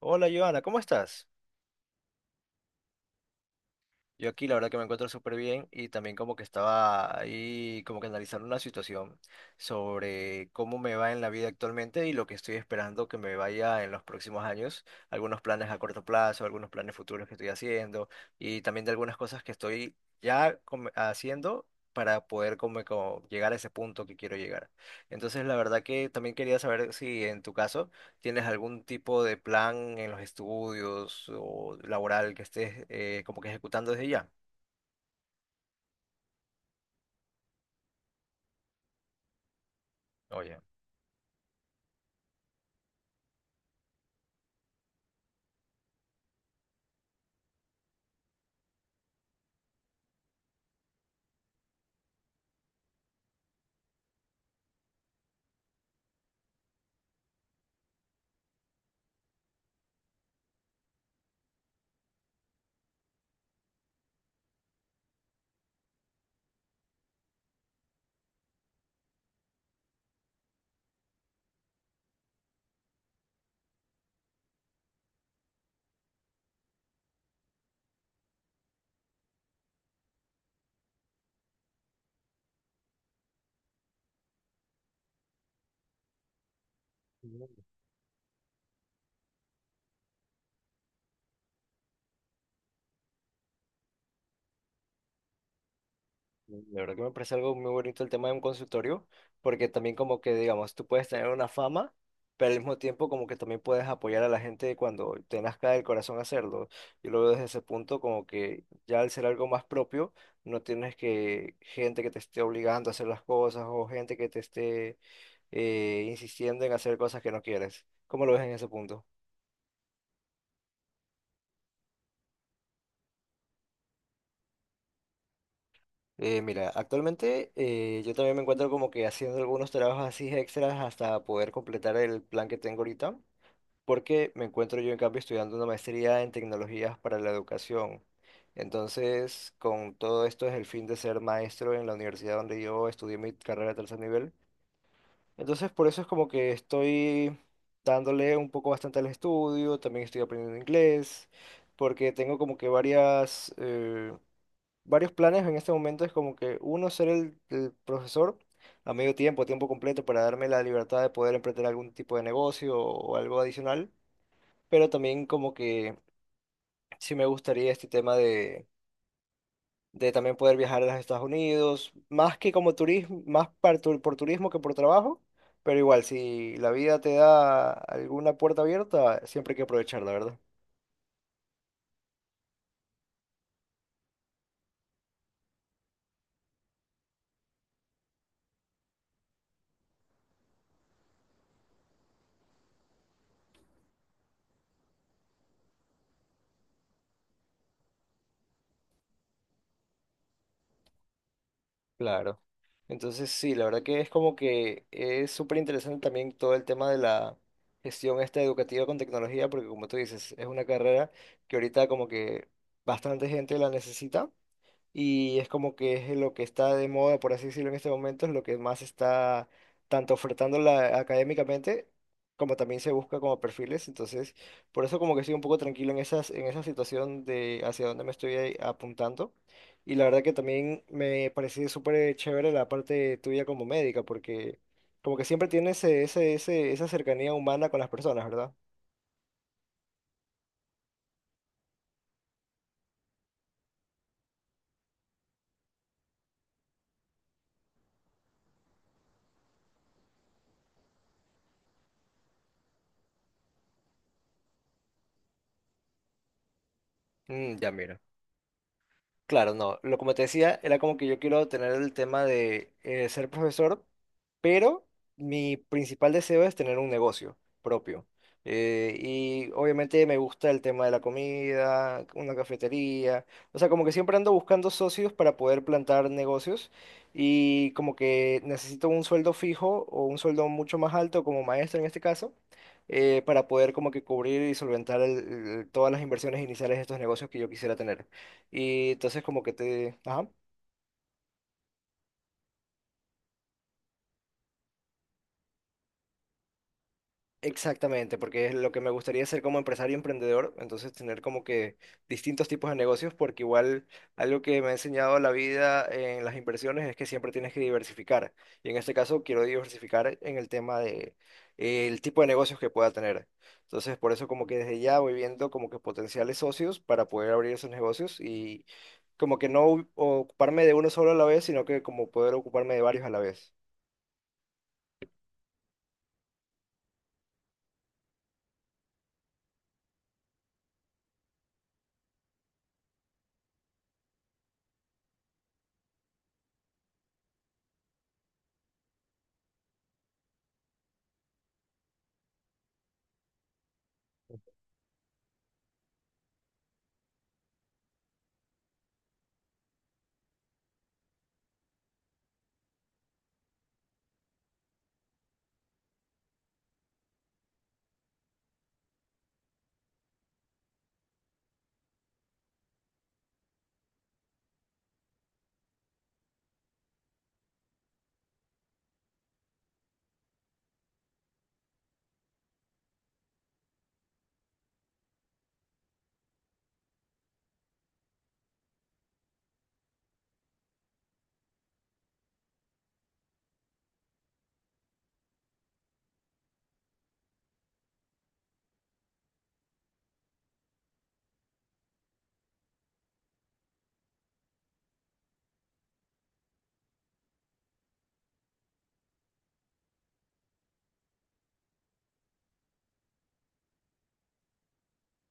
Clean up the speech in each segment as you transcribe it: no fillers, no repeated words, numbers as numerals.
Hola, Joana, ¿cómo estás? Yo aquí la verdad que me encuentro súper bien y también como que estaba ahí como que analizando una situación sobre cómo me va en la vida actualmente y lo que estoy esperando que me vaya en los próximos años, algunos planes a corto plazo, algunos planes futuros que estoy haciendo y también de algunas cosas que estoy ya haciendo para poder como, como llegar a ese punto que quiero llegar. Entonces la verdad que también quería saber si en tu caso... ¿Tienes algún tipo de plan en los estudios o laboral que estés como que ejecutando desde ya? Oye. Mm, la verdad que me parece algo muy bonito el tema de un consultorio, porque también como que, digamos, tú puedes tener una fama, pero al mismo tiempo como que también puedes apoyar a la gente cuando te nazca del corazón hacerlo. Yo lo veo desde ese punto como que ya al ser algo más propio, no tienes que gente que te esté obligando a hacer las cosas o gente que te esté insistiendo en hacer cosas que no quieres. ¿Cómo lo ves en ese punto? Mira, actualmente yo también me encuentro como que haciendo algunos trabajos así extras hasta poder completar el plan que tengo ahorita, porque me encuentro yo en cambio estudiando una maestría en tecnologías para la educación. Entonces, con todo esto es el fin de ser maestro en la universidad donde yo estudié mi carrera de tercer nivel. Entonces, por eso es como que estoy dándole un poco bastante al estudio, también estoy aprendiendo inglés, porque tengo como que varias... varios planes en este momento es como que uno ser el profesor a medio tiempo, tiempo completo, para darme la libertad de poder emprender algún tipo de negocio o algo adicional, pero también como que sí me gustaría este tema de también poder viajar a los Estados Unidos, más que como turismo, más por turismo que por trabajo, pero igual, si la vida te da alguna puerta abierta, siempre hay que aprovecharla, ¿verdad? Claro. Entonces, sí, la verdad que es como que es súper interesante también todo el tema de la gestión esta educativa con tecnología, porque como tú dices, es una carrera que ahorita como que bastante gente la necesita y es como que es lo que está de moda, por así decirlo, en este momento, es lo que más está tanto ofertando la, académicamente como también se busca como perfiles, entonces por eso como que estoy un poco tranquilo en esas, en esa situación de hacia dónde me estoy ahí apuntando. Y la verdad que también me pareció súper chévere la parte tuya como médica, porque como que siempre tienes esa cercanía humana con las personas, ¿verdad? Mm, ya mira. Claro, no. Lo como te decía, era como que yo quiero tener el tema de ser profesor, pero mi principal deseo es tener un negocio propio. Y obviamente me gusta el tema de la comida, una cafetería. O sea, como que siempre ando buscando socios para poder plantar negocios y como que necesito un sueldo fijo o un sueldo mucho más alto como maestro en este caso. Para poder como que cubrir y solventar todas las inversiones iniciales de estos negocios que yo quisiera tener. Y entonces como que te... Ajá. Exactamente, porque es lo que me gustaría ser como empresario emprendedor, entonces tener como que distintos tipos de negocios, porque igual algo que me ha enseñado la vida en las inversiones es que siempre tienes que diversificar. Y en este caso quiero diversificar en el tema de el tipo de negocios que pueda tener. Entonces, por eso como que desde ya voy viendo como que potenciales socios para poder abrir esos negocios y como que no ocuparme de uno solo a la vez, sino que como poder ocuparme de varios a la vez.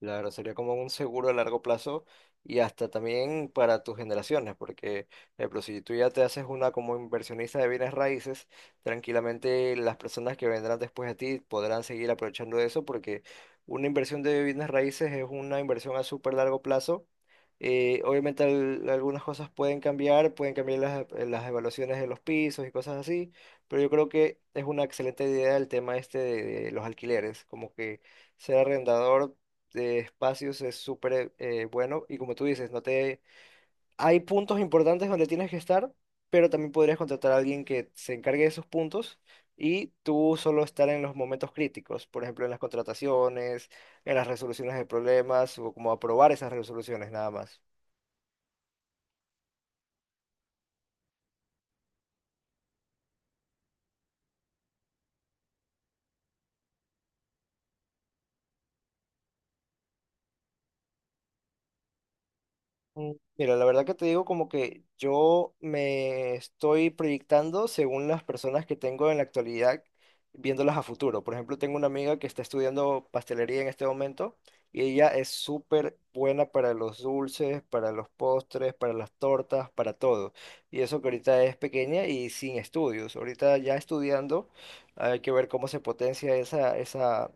Claro, sería como un seguro a largo plazo y hasta también para tus generaciones, porque, por ejemplo, si tú ya te haces una como inversionista de bienes raíces, tranquilamente las personas que vendrán después de ti podrán seguir aprovechando eso, porque una inversión de bienes raíces es una inversión a súper largo plazo. Obviamente algunas cosas pueden cambiar las evaluaciones de los pisos y cosas así, pero yo creo que es una excelente idea el tema este de los alquileres, como que ser arrendador de espacios es súper bueno y como tú dices, no te... hay puntos importantes donde tienes que estar, pero también podrías contratar a alguien que se encargue de esos puntos y tú solo estar en los momentos críticos, por ejemplo, en las contrataciones, en las resoluciones de problemas o como aprobar esas resoluciones nada más. Mm, mira, la verdad que te digo como que yo me estoy proyectando según las personas que tengo en la actualidad, viéndolas a futuro. Por ejemplo, tengo una amiga que está estudiando pastelería en este momento y ella es súper buena para los dulces, para los postres, para las tortas, para todo. Y eso que ahorita es pequeña y sin estudios. Ahorita ya estudiando, hay que ver cómo se potencia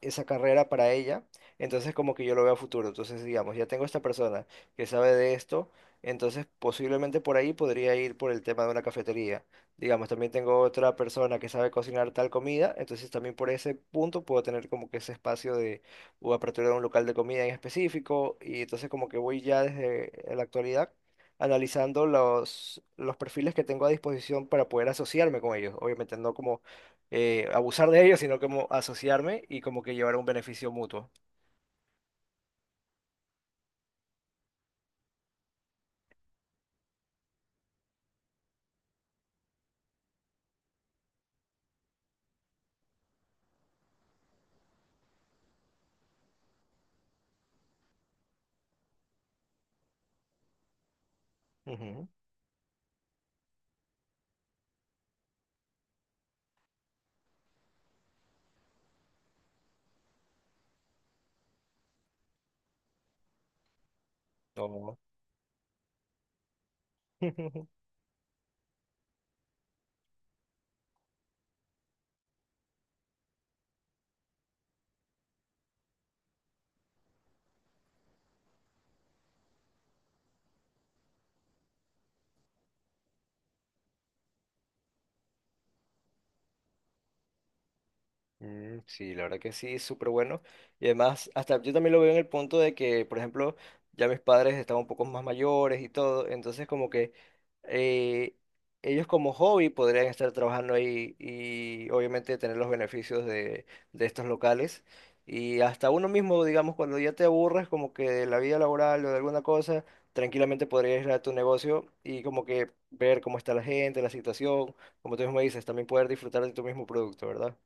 esa carrera para ella. Entonces como que yo lo veo a futuro. Entonces, digamos, ya tengo esta persona que sabe de esto, entonces posiblemente por ahí podría ir por el tema de una cafetería. Digamos, también tengo otra persona que sabe cocinar tal comida, entonces también por ese punto puedo tener como que ese espacio de o apertura de un local de comida en específico, y entonces como que voy ya desde la actualidad analizando los perfiles que tengo a disposición para poder asociarme con ellos. Obviamente no como abusar de ellos, sino como asociarme y como que llevar un beneficio mutuo. Ujú. No. Mm, sí, la verdad que sí, súper bueno. Y además, hasta yo también lo veo en el punto de que, por ejemplo, ya mis padres estaban un poco más mayores y todo, entonces como que eh, ellos como hobby podrían estar trabajando ahí y obviamente tener los beneficios de estos locales. Y hasta uno mismo, digamos, cuando ya te aburres como que de la vida laboral o de alguna cosa, tranquilamente podrías ir a tu negocio y como que ver cómo está la gente, la situación, como tú mismo dices, también poder disfrutar de tu mismo producto, ¿verdad?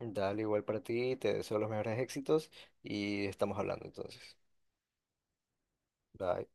Dale, igual para ti, te deseo los mejores éxitos y estamos hablando entonces. Bye.